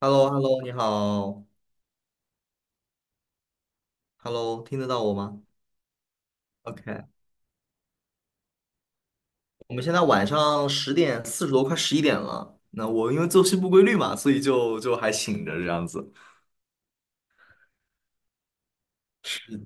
h e l l o h e l l o 你好，Hello，听得到我吗？OK，我们现在晚上10点40多，快11点了。那我因为作息不规律嘛，所以就还醒着这样子。是，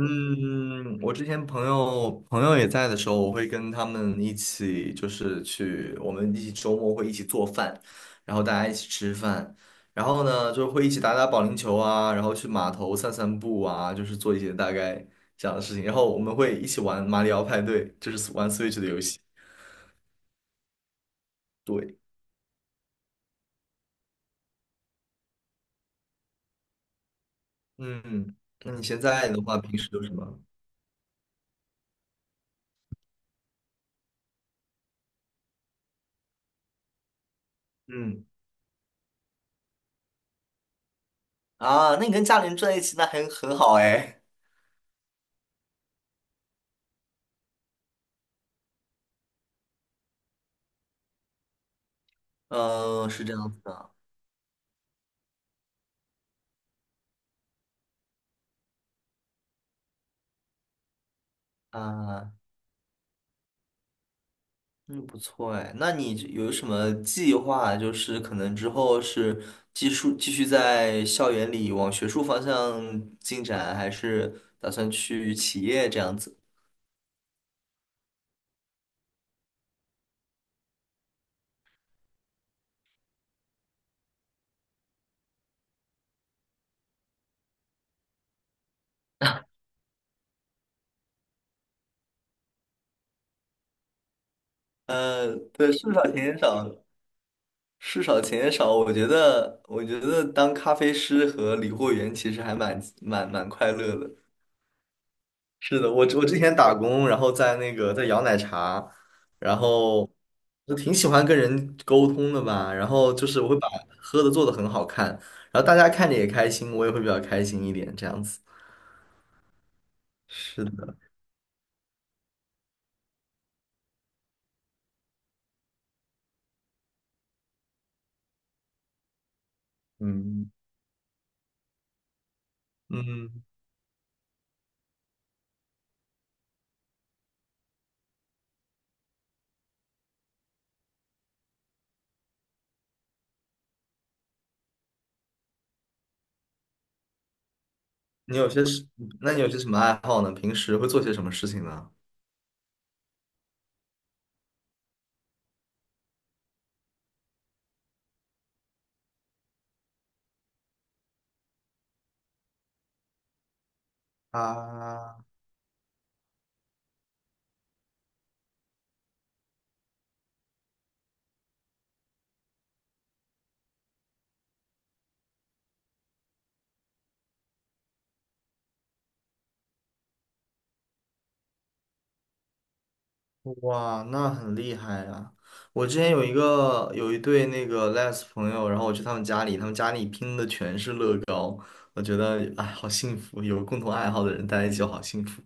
嗯，我之前朋友也在的时候，我会跟他们一起，就是去我们一起周末会一起做饭，然后大家一起吃饭，然后呢就会一起打打保龄球啊，然后去码头散散步啊，就是做一些大概这样的事情，然后我们会一起玩马里奥派对，就是玩 Switch 的游戏。对，嗯，那你现在的话，平时都什么？嗯啊，那你跟家里人住在一起，那很好哎。嗯、是这样子的啊。嗯，不错哎。那你有什么计划？就是可能之后是继续在校园里往学术方向进展，还是打算去企业这样子？呃，对，事少钱也少，事少钱也少。我觉得当咖啡师和理货员其实还蛮快乐的。是的，我之前打工，然后在那个在摇奶茶，然后我挺喜欢跟人沟通的吧，然后就是我会把喝的做的很好看，然后大家看着也开心，我也会比较开心一点，这样子。是的，嗯嗯，你有些什，那你有些什么爱好呢？平时会做些什么事情呢？啊，哇，那很厉害啊！我之前有一对那个 les 朋友，然后我去他们家里，他们家里拼的全是乐高，我觉得哎，好幸福，有共同爱好的人待在一起就好幸福。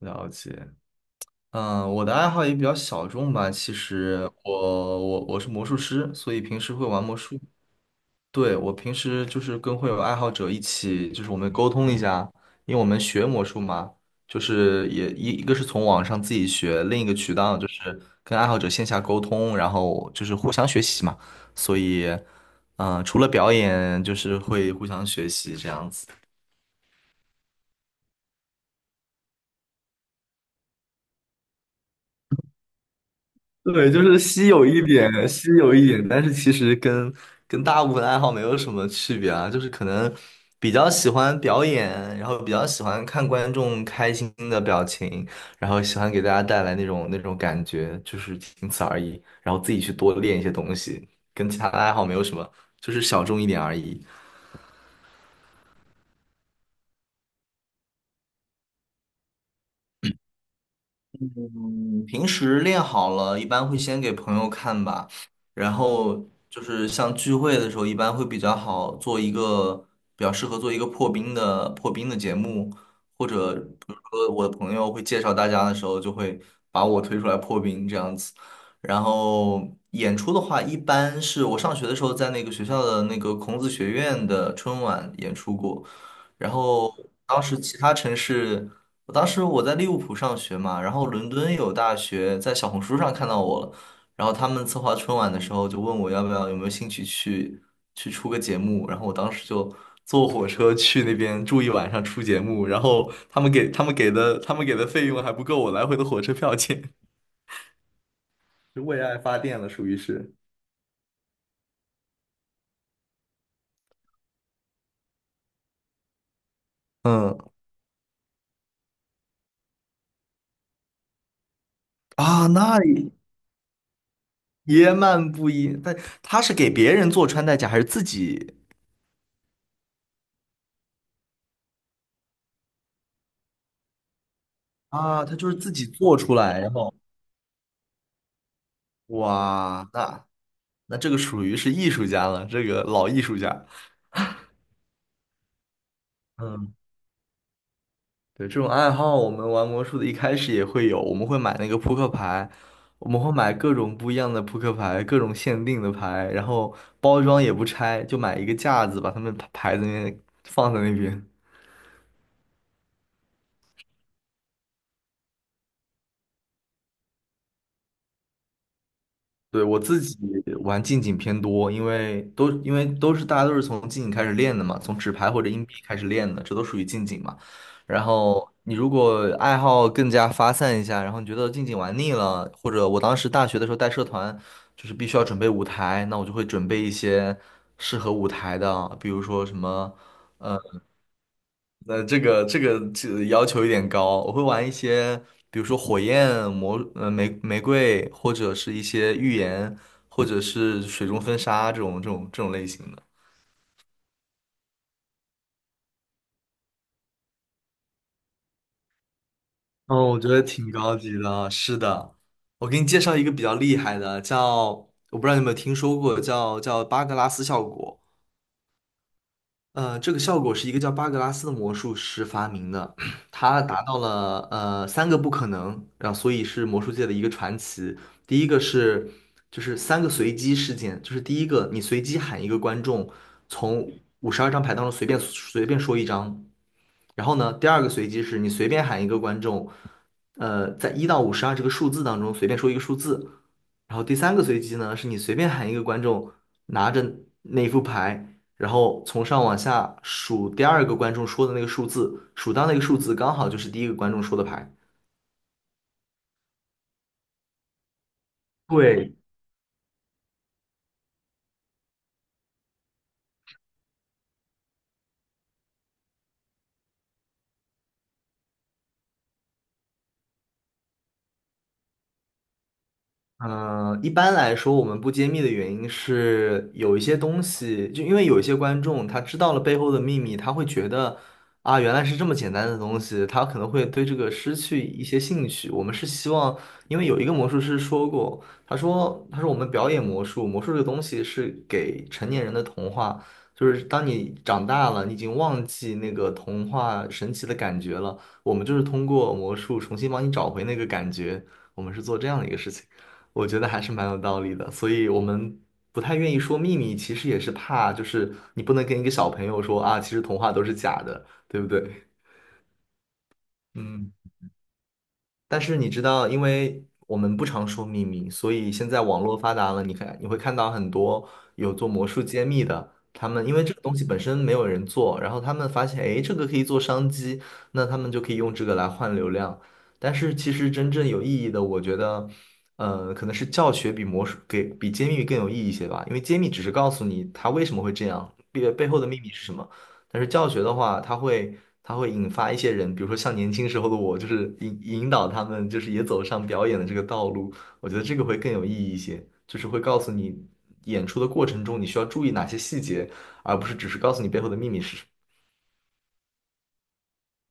了解，我的爱好也比较小众吧，其实我是魔术师，所以平时会玩魔术。对，我平时就是跟会有爱好者一起，就是我们沟通一下，因为我们学魔术嘛，就是也一个是从网上自己学，另一个渠道就是跟爱好者线下沟通，然后就是互相学习嘛。所以，嗯、除了表演，就是会互相学习这样子。对，就是稀有一点，稀有一点，但是其实跟大部分爱好没有什么区别啊，就是可能比较喜欢表演，然后比较喜欢看观众开心的表情，然后喜欢给大家带来那种感觉，就是仅此而已。然后自己去多练一些东西，跟其他的爱好没有什么，就是小众一点而已。嗯平时练好了，一般会先给朋友看吧，然后就是像聚会的时候，一般会比较适合做一个破冰的节目，或者比如说我的朋友会介绍大家的时候，就会把我推出来破冰这样子。然后演出的话，一般是我上学的时候在那个学校的那个孔子学院的春晚演出过，然后当时其他城市。我当时我在利物浦上学嘛，然后伦敦有大学在小红书上看到我了，然后他们策划春晚的时候就问我要不要有没有兴趣去去出个节目，然后我当时就坐火车去那边住一晚上出节目，然后他们给的费用还不够我来回的火车票钱，就为爱发电了，属于是。嗯啊，那也蛮不一，但他是给别人做穿戴甲还是自己啊？他就是自己做出来，然后哇，那这个属于是艺术家了，这个老艺术家。嗯，对，这种爱好，我们玩魔术的一开始也会有，我们会买那个扑克牌，我们会买各种不一样的扑克牌，各种限定的牌，然后包装也不拆，就买一个架子，把它们牌牌子那放在那边。对，我自己玩近景偏多，因为都是大家都是从近景开始练的嘛，从纸牌或者硬币开始练的，这都属于近景嘛。然后你如果爱好更加发散一下，然后你觉得近景玩腻了，或者我当时大学的时候带社团，就是必须要准备舞台，那我就会准备一些适合舞台的，比如说什么那这个要求有点高，我会玩一些，比如说火焰魔，玫瑰，或者是一些预言，或者是水中分沙这种类型的。哦，我觉得挺高级的。啊是的，我给你介绍一个比较厉害的，我不知道你有没有听说过，叫巴格拉斯效果。这个效果是一个叫巴格拉斯的魔术师发明的，他达到了三个不可能，然后所以是魔术界的一个传奇。第一个是就是三个随机事件，就是第一个你随机喊一个观众从52张牌当中随便说一张，然后呢，第二个随机是你随便喊一个观众，呃，在1到52这个数字当中随便说一个数字，然后第三个随机呢，是你随便喊一个观众拿着那副牌，然后从上往下数第二个观众说的那个数字，数到那个数字刚好就是第一个观众说的牌。对，嗯，一般来说，我们不揭秘的原因是有一些东西，就因为有一些观众他知道了背后的秘密，他会觉得啊，原来是这么简单的东西，他可能会对这个失去一些兴趣。我们是希望，因为有一个魔术师说过，他说我们表演魔术，魔术这个东西是给成年人的童话，就是当你长大了，你已经忘记那个童话神奇的感觉了，我们就是通过魔术重新帮你找回那个感觉，我们是做这样的一个事情。我觉得还是蛮有道理的，所以我们不太愿意说秘密，其实也是怕，就是你不能跟一个小朋友说啊，其实童话都是假的，对不对？嗯。但是你知道，因为我们不常说秘密，所以现在网络发达了，你看你会看到很多有做魔术揭秘的，他们因为这个东西本身没有人做，然后他们发现，哎，这个可以做商机，那他们就可以用这个来换流量。但是其实真正有意义的，我觉得，可能是教学比魔术给比揭秘更有意义一些吧，因为揭秘只是告诉你它为什么会这样，背后的秘密是什么。但是教学的话，它会引发一些人，比如说像年轻时候的我，就是引导他们，就是也走上表演的这个道路。我觉得这个会更有意义一些，就是会告诉你演出的过程中你需要注意哪些细节，而不是只是告诉你背后的秘密是什么。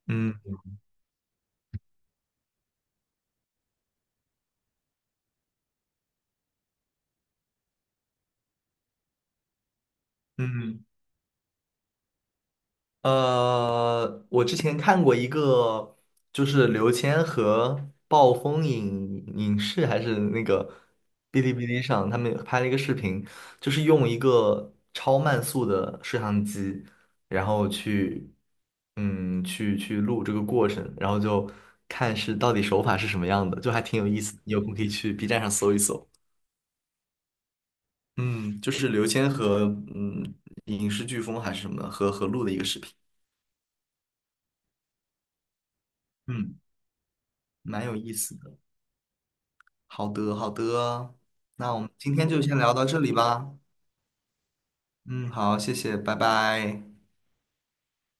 嗯嗯。我之前看过一个，就是刘谦和暴风影影视还是那个哔哩哔哩上，他们拍了一个视频，就是用一个超慢速的摄像机，然后去，嗯，去去录这个过程，然后就看是到底手法是什么样的，就还挺有意思的你有空可以去 B站上搜一搜。嗯，就是刘谦和嗯影视飓风还是什么和录的一个视频，嗯，蛮有意思的。好的，好的，那我们今天就先聊到这里吧。嗯，好，谢谢，拜拜。